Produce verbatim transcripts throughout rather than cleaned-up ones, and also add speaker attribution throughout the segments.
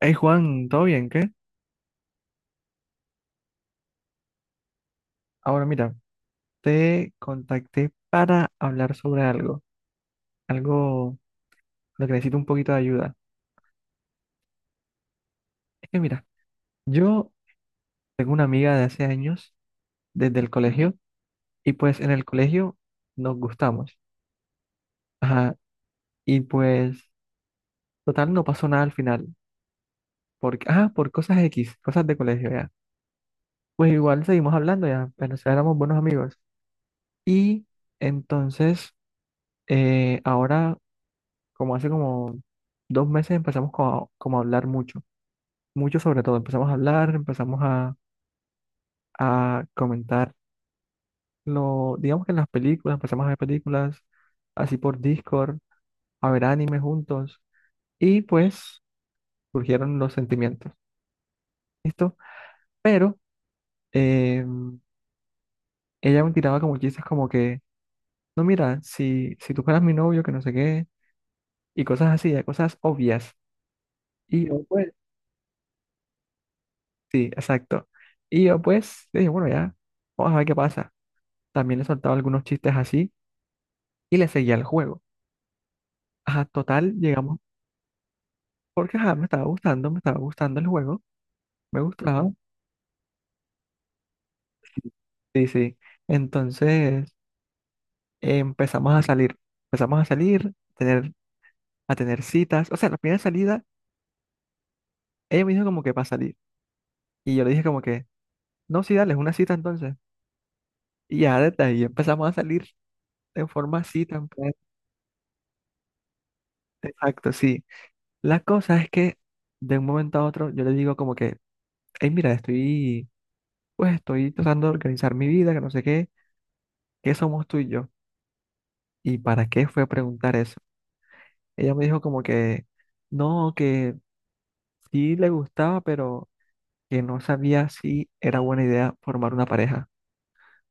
Speaker 1: Hey Juan, ¿todo bien? ¿Qué? Ahora mira, te contacté para hablar sobre algo, algo lo que necesito un poquito de ayuda. Es que mira, yo tengo una amiga de hace años, desde el colegio, y pues en el colegio nos gustamos. Ajá, y pues total no pasó nada al final, porque, ah, por cosas X, cosas de colegio ya. Pues igual seguimos hablando ya, pero o sea, éramos buenos amigos. Y entonces, eh, ahora, como hace como dos meses empezamos como a, como a hablar mucho, mucho sobre todo. Empezamos a hablar, empezamos a, a comentar lo, digamos que en las películas, empezamos a ver películas así por Discord, a ver anime juntos y pues surgieron los sentimientos, ¿listo? Pero eh, ella me tiraba como chistes como que, no, mira, si, si tú fueras mi novio, que no sé qué, y cosas así, eh, cosas obvias. Y yo pues, sí, exacto. Y yo pues, dije, bueno, ya, vamos a ver qué pasa. También le soltaba algunos chistes así y le seguía el juego. Ajá, total, llegamos porque ajá, me estaba gustando, me estaba gustando el juego, me gustaba. Sí, sí. Entonces eh, empezamos a salir, empezamos a salir, tener, a tener citas. O sea, la primera salida, ella me dijo como que para salir. Y yo le dije como que, no, sí, dale, es una cita entonces. Y ya desde ahí empezamos a salir en forma cita, en plan, exacto, sí. La cosa es que de un momento a otro yo le digo como que, hey, mira, estoy pues estoy tratando de organizar mi vida, que no sé qué, qué somos tú y yo. ¿Y para qué fue a preguntar eso? Ella me dijo como que no, que sí le gustaba, pero que no sabía si era buena idea formar una pareja,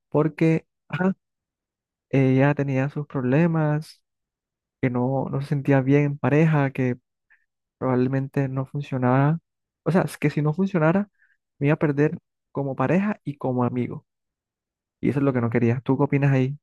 Speaker 1: porque ajá, ella tenía sus problemas, que no, no se sentía bien en pareja, que probablemente no funcionaba, o sea, es que si no funcionara, me iba a perder como pareja y como amigo. Y eso es lo que no quería. ¿Tú qué opinas ahí?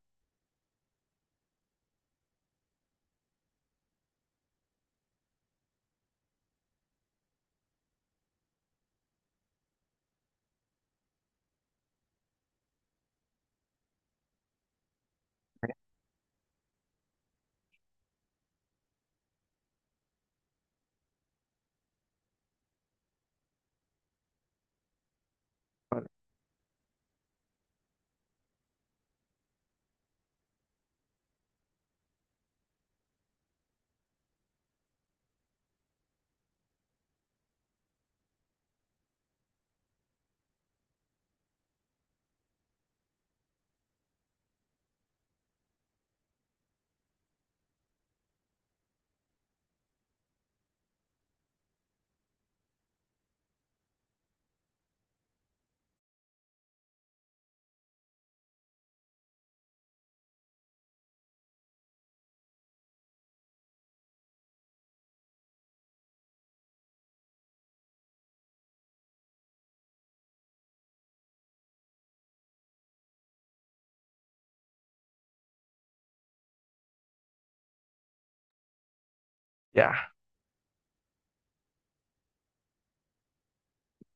Speaker 1: Ya.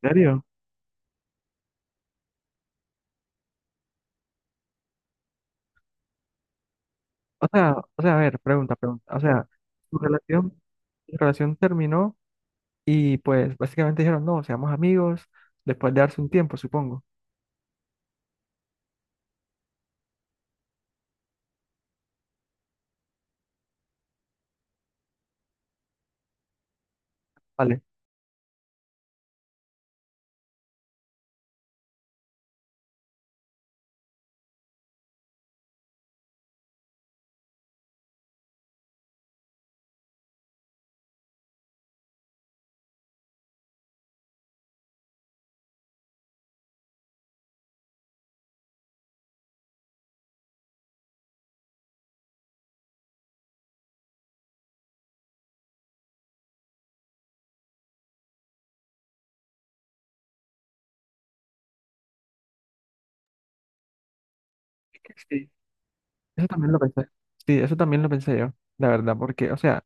Speaker 1: ¿En serio? O sea, o sea, a ver, pregunta, pregunta. O sea, su relación, su relación terminó y pues básicamente dijeron, no, seamos amigos después de darse un tiempo, supongo. Vale. Es que Sí, eso también lo pensé. Sí, eso también lo pensé yo, la verdad, porque, o sea,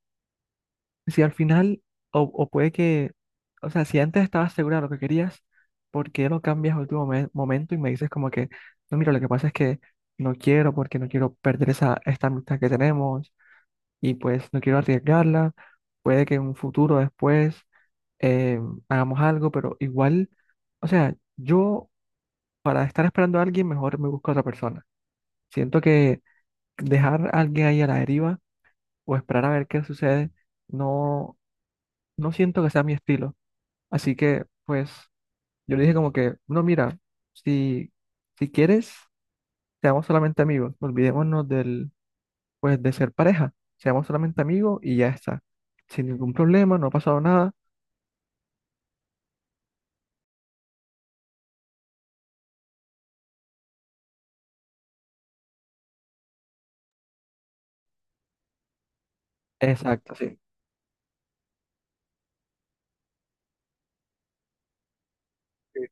Speaker 1: si al final, o, o puede que, o sea, si antes estabas segura de lo que querías, ¿por qué lo cambias al último me- momento y me dices como que, no, mira, lo que pasa es que no quiero porque no quiero perder esa, esta amistad que tenemos? Y pues no quiero arriesgarla. Puede que en un futuro después eh, hagamos algo, pero igual, o sea, yo para estar esperando a alguien, mejor me busco a otra persona. Siento que dejar a alguien ahí a la deriva o esperar a ver qué sucede, no, no siento que sea mi estilo. Así que, pues, yo le dije como que, no, mira, si, si quieres, seamos solamente amigos, olvidémonos del, pues, de ser pareja, seamos solamente amigos y ya está, sin ningún problema, no ha pasado nada. Exacto, sí. Sí.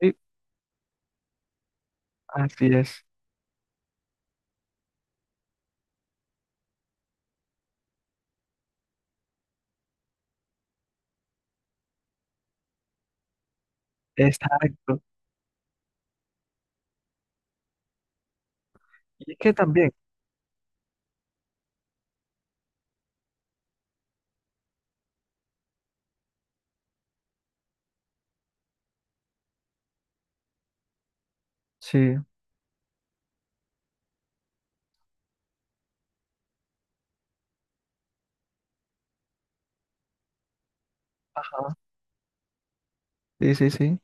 Speaker 1: Sí, así es. Exacto. Y es que también, sí. Ajá. Sí, sí, sí.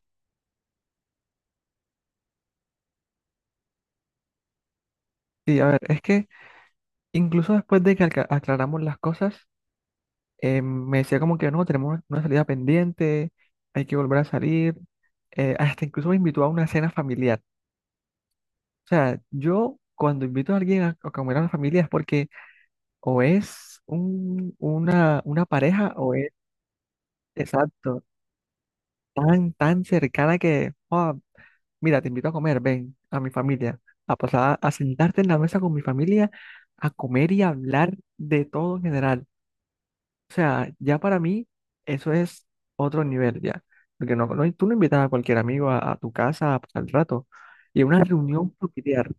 Speaker 1: Sí, a ver, es que incluso después de que alca- aclaramos las cosas, eh, me decía como que no, tenemos una salida pendiente, hay que volver a salir. Eh, hasta incluso me invitó a una cena familiar. O sea, yo cuando invito a alguien a, a comer a una familia es porque o es un- una, una pareja o es, exacto, tan, tan cercana que, mira, te invito a comer, ven a mi familia, a pasar a sentarte en la mesa con mi familia, a comer y a hablar de todo en general. O sea, ya para mí eso es otro nivel ya, porque no, no- tú no invitas a cualquier amigo a, a tu casa a pasar el rato. Y a una reunión familiar,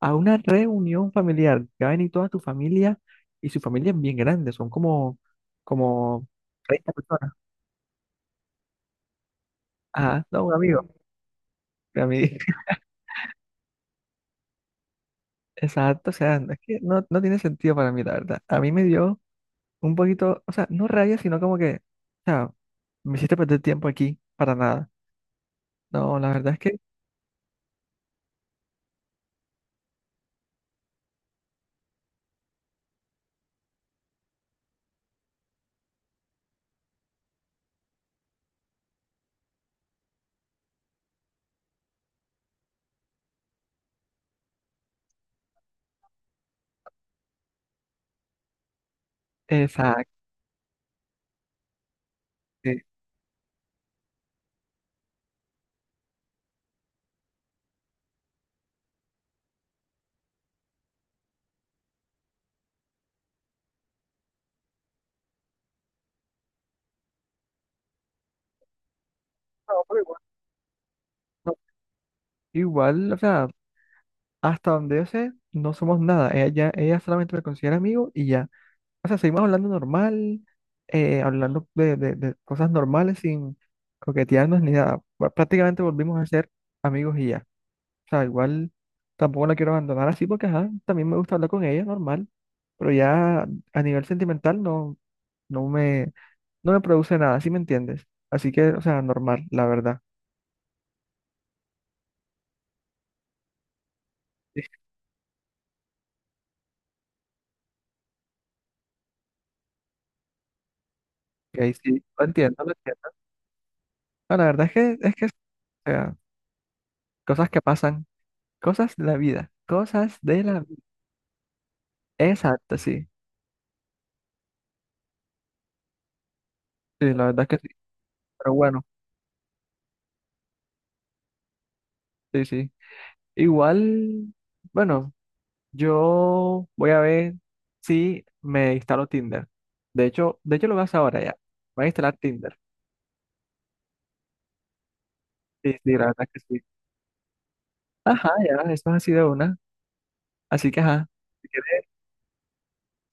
Speaker 1: a una reunión familiar, que va a venir toda tu familia y su familia es bien grande, son como, como treinta personas. Ah, no, un amigo, a mí, exacto, o sea, no es que no, no tiene sentido para mí, la verdad. A mí me dio un poquito, o sea, no rabia, sino como que, o sea, me hiciste perder tiempo aquí para nada. No, la verdad es que, exacto. Sí. No, pero igual, no, igual, o sea, hasta donde yo sé, no somos nada. Ella, ya- ella solamente me considera amigo y ya. O sea, seguimos hablando normal, eh, hablando de, de- de cosas normales sin coquetearnos ni nada. Pr- Prácticamente volvimos a ser amigos y ya. O sea, igual tampoco la quiero abandonar así porque, ajá, también me gusta hablar con ella, normal. Pero ya a nivel sentimental no, no me, no me produce nada, ¿sí me entiendes? Así que, o sea, normal, la verdad. Es que ahí sí, lo entiendo, lo entiendo. No, la verdad es que, es que, o sea, cosas que pasan, cosas de la vida, cosas de la vida. Exacto, sí. Sí, la verdad es que sí. Pero bueno, sí, sí. Igual, bueno, yo voy a ver si me instalo Tinder. De hecho, de hecho lo vas ahora ya. Voy a instalar Tinder. Sí, sí, la verdad es que sí. Ajá, ya, eso es así de una. Así que, ajá. Si quieres,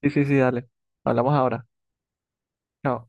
Speaker 1: sí, sí, sí, dale. Hablamos ahora. Chao.